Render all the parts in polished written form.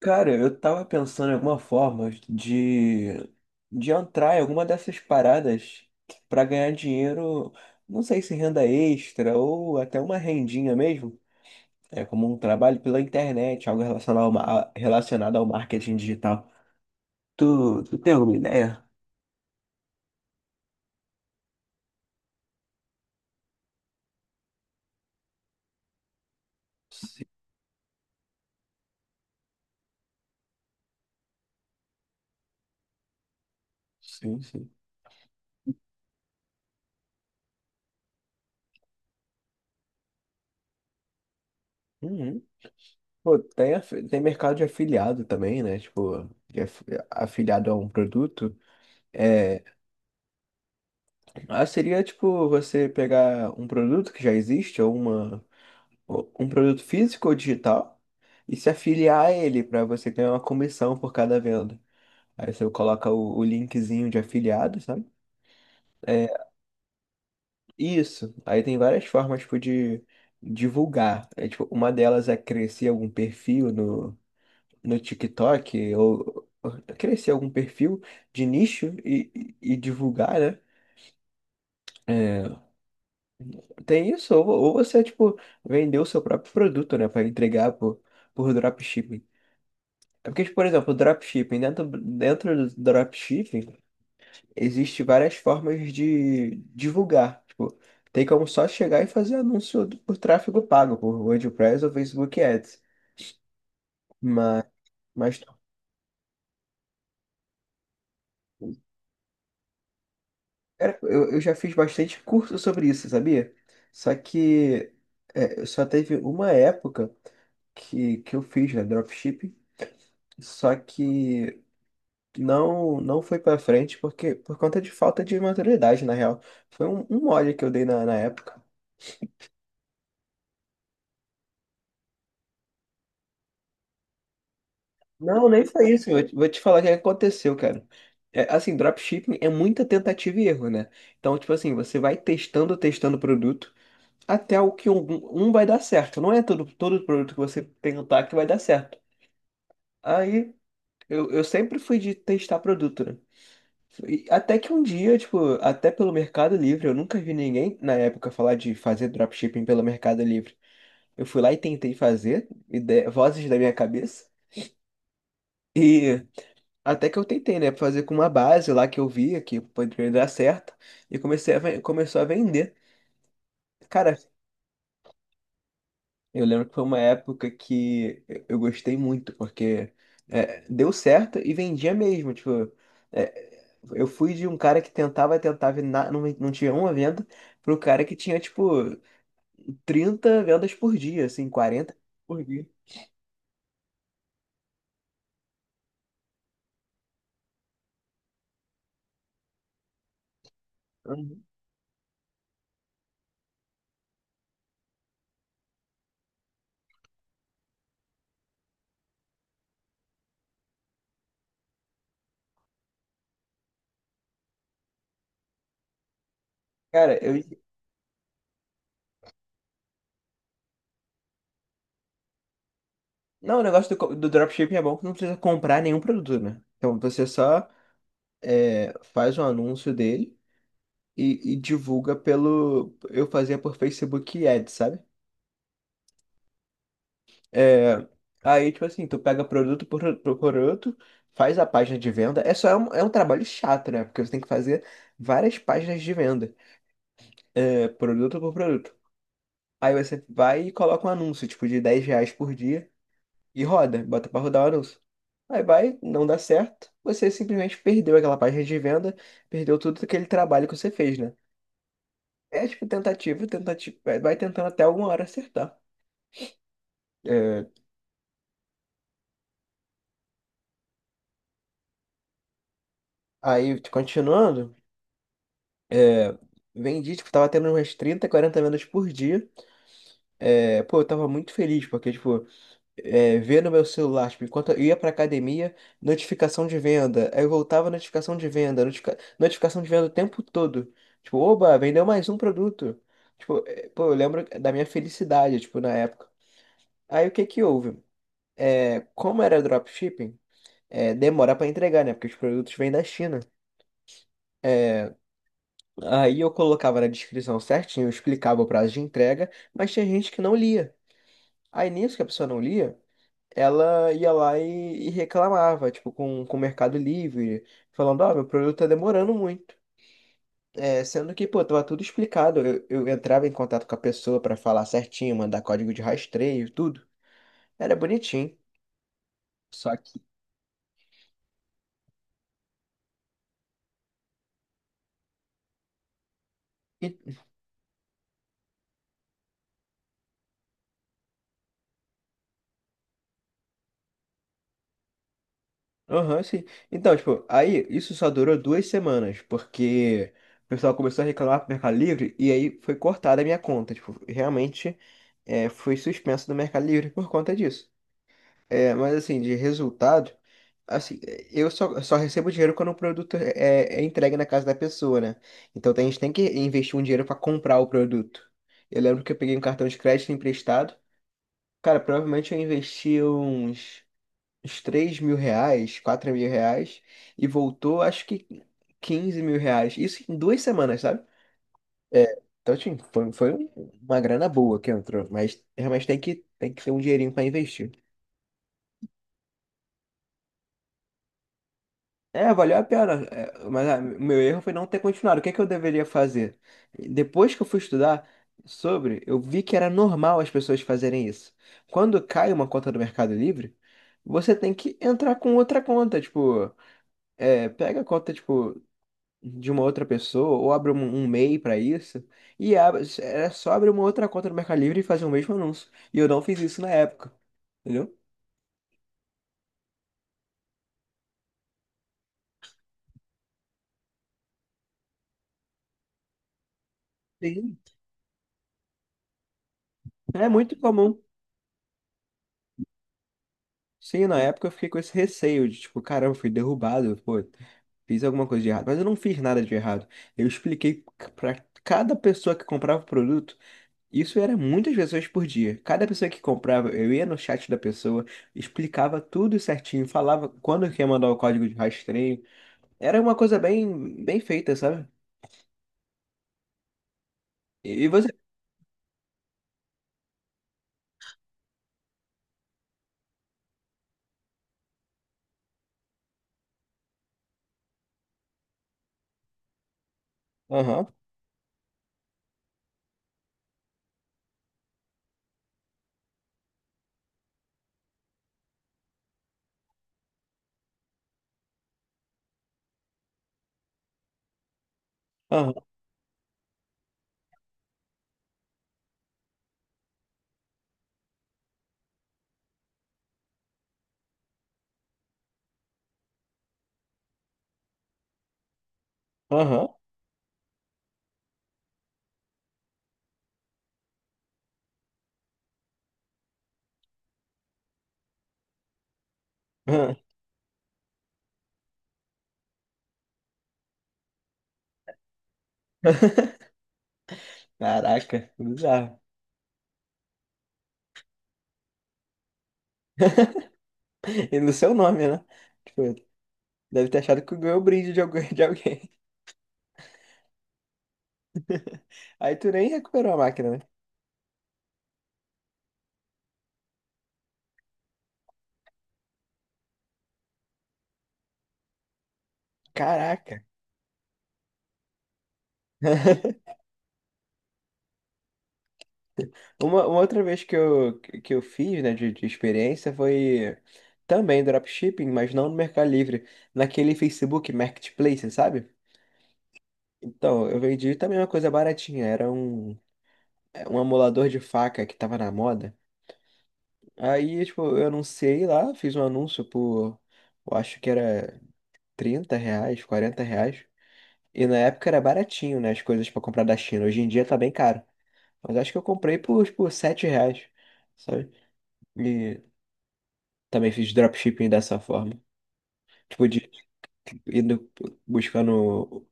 Cara, eu tava pensando em alguma forma de entrar em alguma dessas paradas pra ganhar dinheiro, não sei se renda extra ou até uma rendinha mesmo. É como um trabalho pela internet, algo relacionado ao marketing digital. Tu tem alguma ideia? Sim, sim. Sim. Uhum. Pô, tem mercado de afiliado também, né? Tipo, afiliado a um produto. É. Ah, seria tipo você pegar um produto que já existe, ou um produto físico ou digital, e se afiliar a ele para você ganhar uma comissão por cada venda. Aí você coloca o linkzinho de afiliado, sabe? É, isso. Aí tem várias formas tipo, de divulgar. É, tipo, uma delas é crescer algum perfil no TikTok, ou crescer algum perfil de nicho e divulgar, né? É, tem isso, ou você, tipo, vender o seu próprio produto, né, para entregar por dropshipping. É porque, tipo, por exemplo, dropshipping, dentro do dropshipping, existe várias formas de divulgar. Tipo, tem como só chegar e fazer anúncio por tráfego pago, por WordPress ou Facebook Ads. Mas, mas, cara, eu já fiz bastante curso sobre isso, sabia? Só que é, só teve uma época que eu fiz, né, dropshipping, só que. Não foi pra frente porque por conta de falta de maturidade, na real. Foi um mole que eu dei na época. Não, nem foi isso. Vou te falar o que aconteceu, cara. É, assim, dropshipping é muita tentativa e erro, né? Então, tipo assim, você vai testando o produto até o que um vai dar certo. Não é todo produto que você tentar que vai dar certo. Aí, eu sempre fui de testar produto, né? E até que um dia, tipo, até pelo Mercado Livre, eu nunca vi ninguém na época falar de fazer dropshipping pelo Mercado Livre. Eu fui lá e tentei fazer, vozes da minha cabeça, e até que eu tentei, né, fazer com uma base lá que eu via que poderia dar certo, e começou a vender. Cara, eu lembro que foi uma época que eu gostei muito, porque é, deu certo e vendia mesmo. Tipo, é, eu fui de um cara que tentava, tentava e não, não tinha uma venda, pro cara que tinha, tipo, 30 vendas por dia, assim, 40 por dia. Uhum. Cara, eu. Não, o negócio do dropshipping é bom que não precisa comprar nenhum produto, né? Então você só é, faz um anúncio dele e divulga pelo. Eu fazia por Facebook Ads, sabe? É, aí, tipo assim, tu pega produto por produto, faz a página de venda. É um trabalho chato, né? Porque você tem que fazer várias páginas de venda, é, produto por produto. Aí você vai e coloca um anúncio, tipo, de R$ 10 por dia e roda, bota pra rodar o anúncio. Aí vai, não dá certo, você simplesmente perdeu aquela página de venda, perdeu tudo aquele trabalho que você fez, né? É tipo tentativa, tentativa, vai tentando até alguma hora acertar. É, aí, continuando. É, vendi, tipo, tava tendo umas 30, 40 vendas por dia. É, pô, eu tava muito feliz, porque, tipo, é, ver no meu celular, tipo, enquanto eu ia pra academia, notificação de venda. Aí eu voltava, notificação de venda, notificação de venda o tempo todo. Tipo, oba, vendeu mais um produto. Tipo, é, pô, eu lembro da minha felicidade, tipo, na época. Aí o que que houve? É, como era dropshipping, é, demora pra entregar, né? Porque os produtos vêm da China. Aí eu colocava na descrição certinho, eu explicava o prazo de entrega, mas tinha gente que não lia. Aí nisso que a pessoa não lia, ela ia lá e reclamava, tipo, com o Mercado Livre, falando, ó, meu produto tá demorando muito. É, sendo que, pô, tava tudo explicado. Eu entrava em contato com a pessoa pra falar certinho, mandar código de rastreio, tudo. Era bonitinho. Só que. Aham, sim. Então, tipo, aí isso só durou 2 semanas, porque o pessoal começou a reclamar pro Mercado Livre e aí foi cortada a minha conta. Tipo, realmente é, fui suspenso do Mercado Livre por conta disso. É, mas assim, de resultado, assim, eu só recebo dinheiro quando o produto é, é entregue na casa da pessoa, né? Então a gente tem que investir um dinheiro pra comprar o produto. Eu lembro que eu peguei um cartão de crédito emprestado. Cara, provavelmente eu investi uns R$ 3.000, R$ 4.000, e voltou, acho que R$ 15.000. Isso em 2 semanas, sabe? É, então, assim, foi uma grana boa que entrou, mas realmente tem que ter um dinheirinho para investir. É, valeu a pena, é, mas ah, meu erro foi não ter continuado. O que é que eu deveria fazer? Depois que eu fui estudar sobre, eu vi que era normal as pessoas fazerem isso. Quando cai uma conta do Mercado Livre, você tem que entrar com outra conta, tipo, é, pega a conta, tipo, de uma outra pessoa, ou abre um MEI para isso, e abre, era só abrir uma outra conta no Mercado Livre e fazer o mesmo anúncio. E eu não fiz isso na época, entendeu? Sim. É muito comum. Sim, na época eu fiquei com esse receio de, tipo, caramba, fui derrubado, pô, fiz alguma coisa de errado. Mas eu não fiz nada de errado. Eu expliquei para cada pessoa que comprava o produto, isso era muitas pessoas por dia. Cada pessoa que comprava, eu ia no chat da pessoa, explicava tudo certinho, falava quando que ia mandar o código de rastreio, era uma coisa bem, bem feita, sabe? E você? Aham, aham, aham. Aham. Caraca, bizarro. E no seu nome, né? Tipo, deve ter achado que ganhou o brinde de alguém, de alguém. Aí tu nem recuperou a máquina, né? Caraca. Uma outra vez que eu fiz, né, de experiência foi também dropshipping, mas não no Mercado Livre, naquele Facebook Marketplace, sabe? Então, eu vendi também uma coisa baratinha, era um amolador de faca que tava na moda. Aí, tipo, eu anunciei lá, fiz um anúncio por, eu acho que era R$ 30, R$ 40. E na época era baratinho, né, as coisas pra comprar da China. Hoje em dia tá bem caro. Mas acho que eu comprei por, tipo, R$ 7, sabe? E também fiz dropshipping dessa forma. Tipo, de indo buscando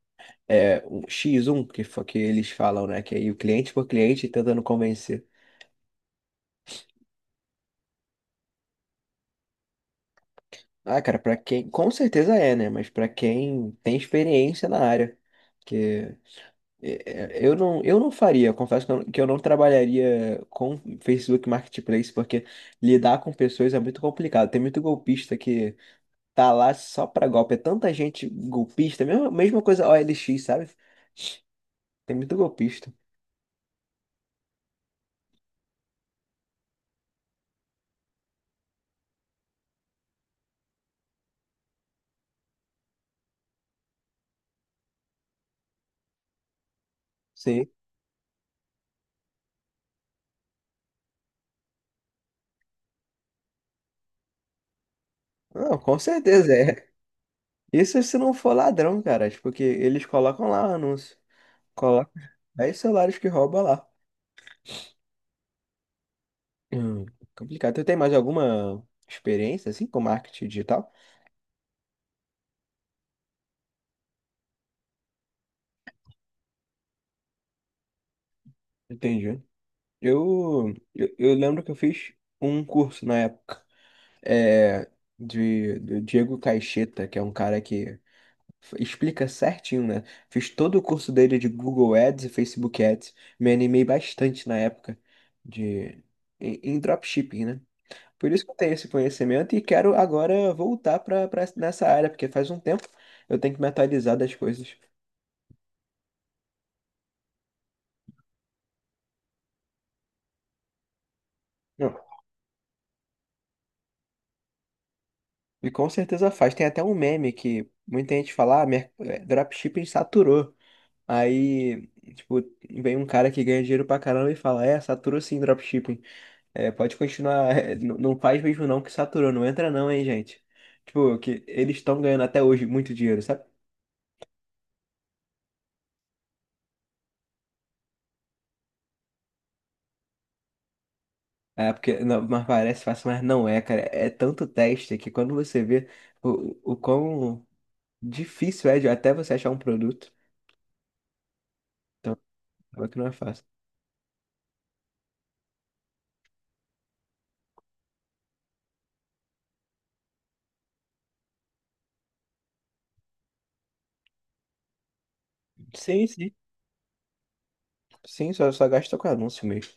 é, um x um que eles falam, né? Que aí o cliente por cliente tentando convencer. Ah, cara, pra quem... Com certeza é, né? Mas pra quem tem experiência na área. Porque eu não faria, confesso que eu não trabalharia com Facebook Marketplace, porque lidar com pessoas é muito complicado. Tem muito golpista que tá lá só pra golpe. É tanta gente golpista, mesma coisa o OLX, sabe? Tem muito golpista. Sim. Não, com certeza é. Isso se não for ladrão, cara, tipo, porque eles colocam lá o anúncio. Colocam 10 celulares que rouba lá. Hum, complicado. Tu tem mais alguma experiência, assim, com marketing digital? Entendi. Eu lembro que eu fiz um curso na época, é, do Diego Caixeta, que é um cara que explica certinho, né? Fiz todo o curso dele de Google Ads e Facebook Ads. Me animei bastante na época de, em dropshipping, né? Por isso que eu tenho esse conhecimento e quero agora voltar para nessa área, porque faz um tempo eu tenho que me atualizar das coisas. Não. E com certeza faz. Tem até um meme que muita gente fala, ah, dropshipping saturou. Aí, tipo, vem um cara que ganha dinheiro pra caramba e fala, é, saturou sim dropshipping. É, pode continuar, é, não faz mesmo não que saturou, não entra não, hein, gente. Tipo, que eles estão ganhando até hoje muito dinheiro, sabe? É, porque, não, mas parece fácil, mas não é, cara. É tanto teste que quando você vê o, o quão difícil é de até você achar um produto, então, acaba que não é fácil. Sim, sim. Sim, só gasta com anúncio mesmo.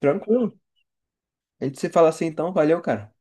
Tranquilo. A gente se fala assim então, valeu, cara.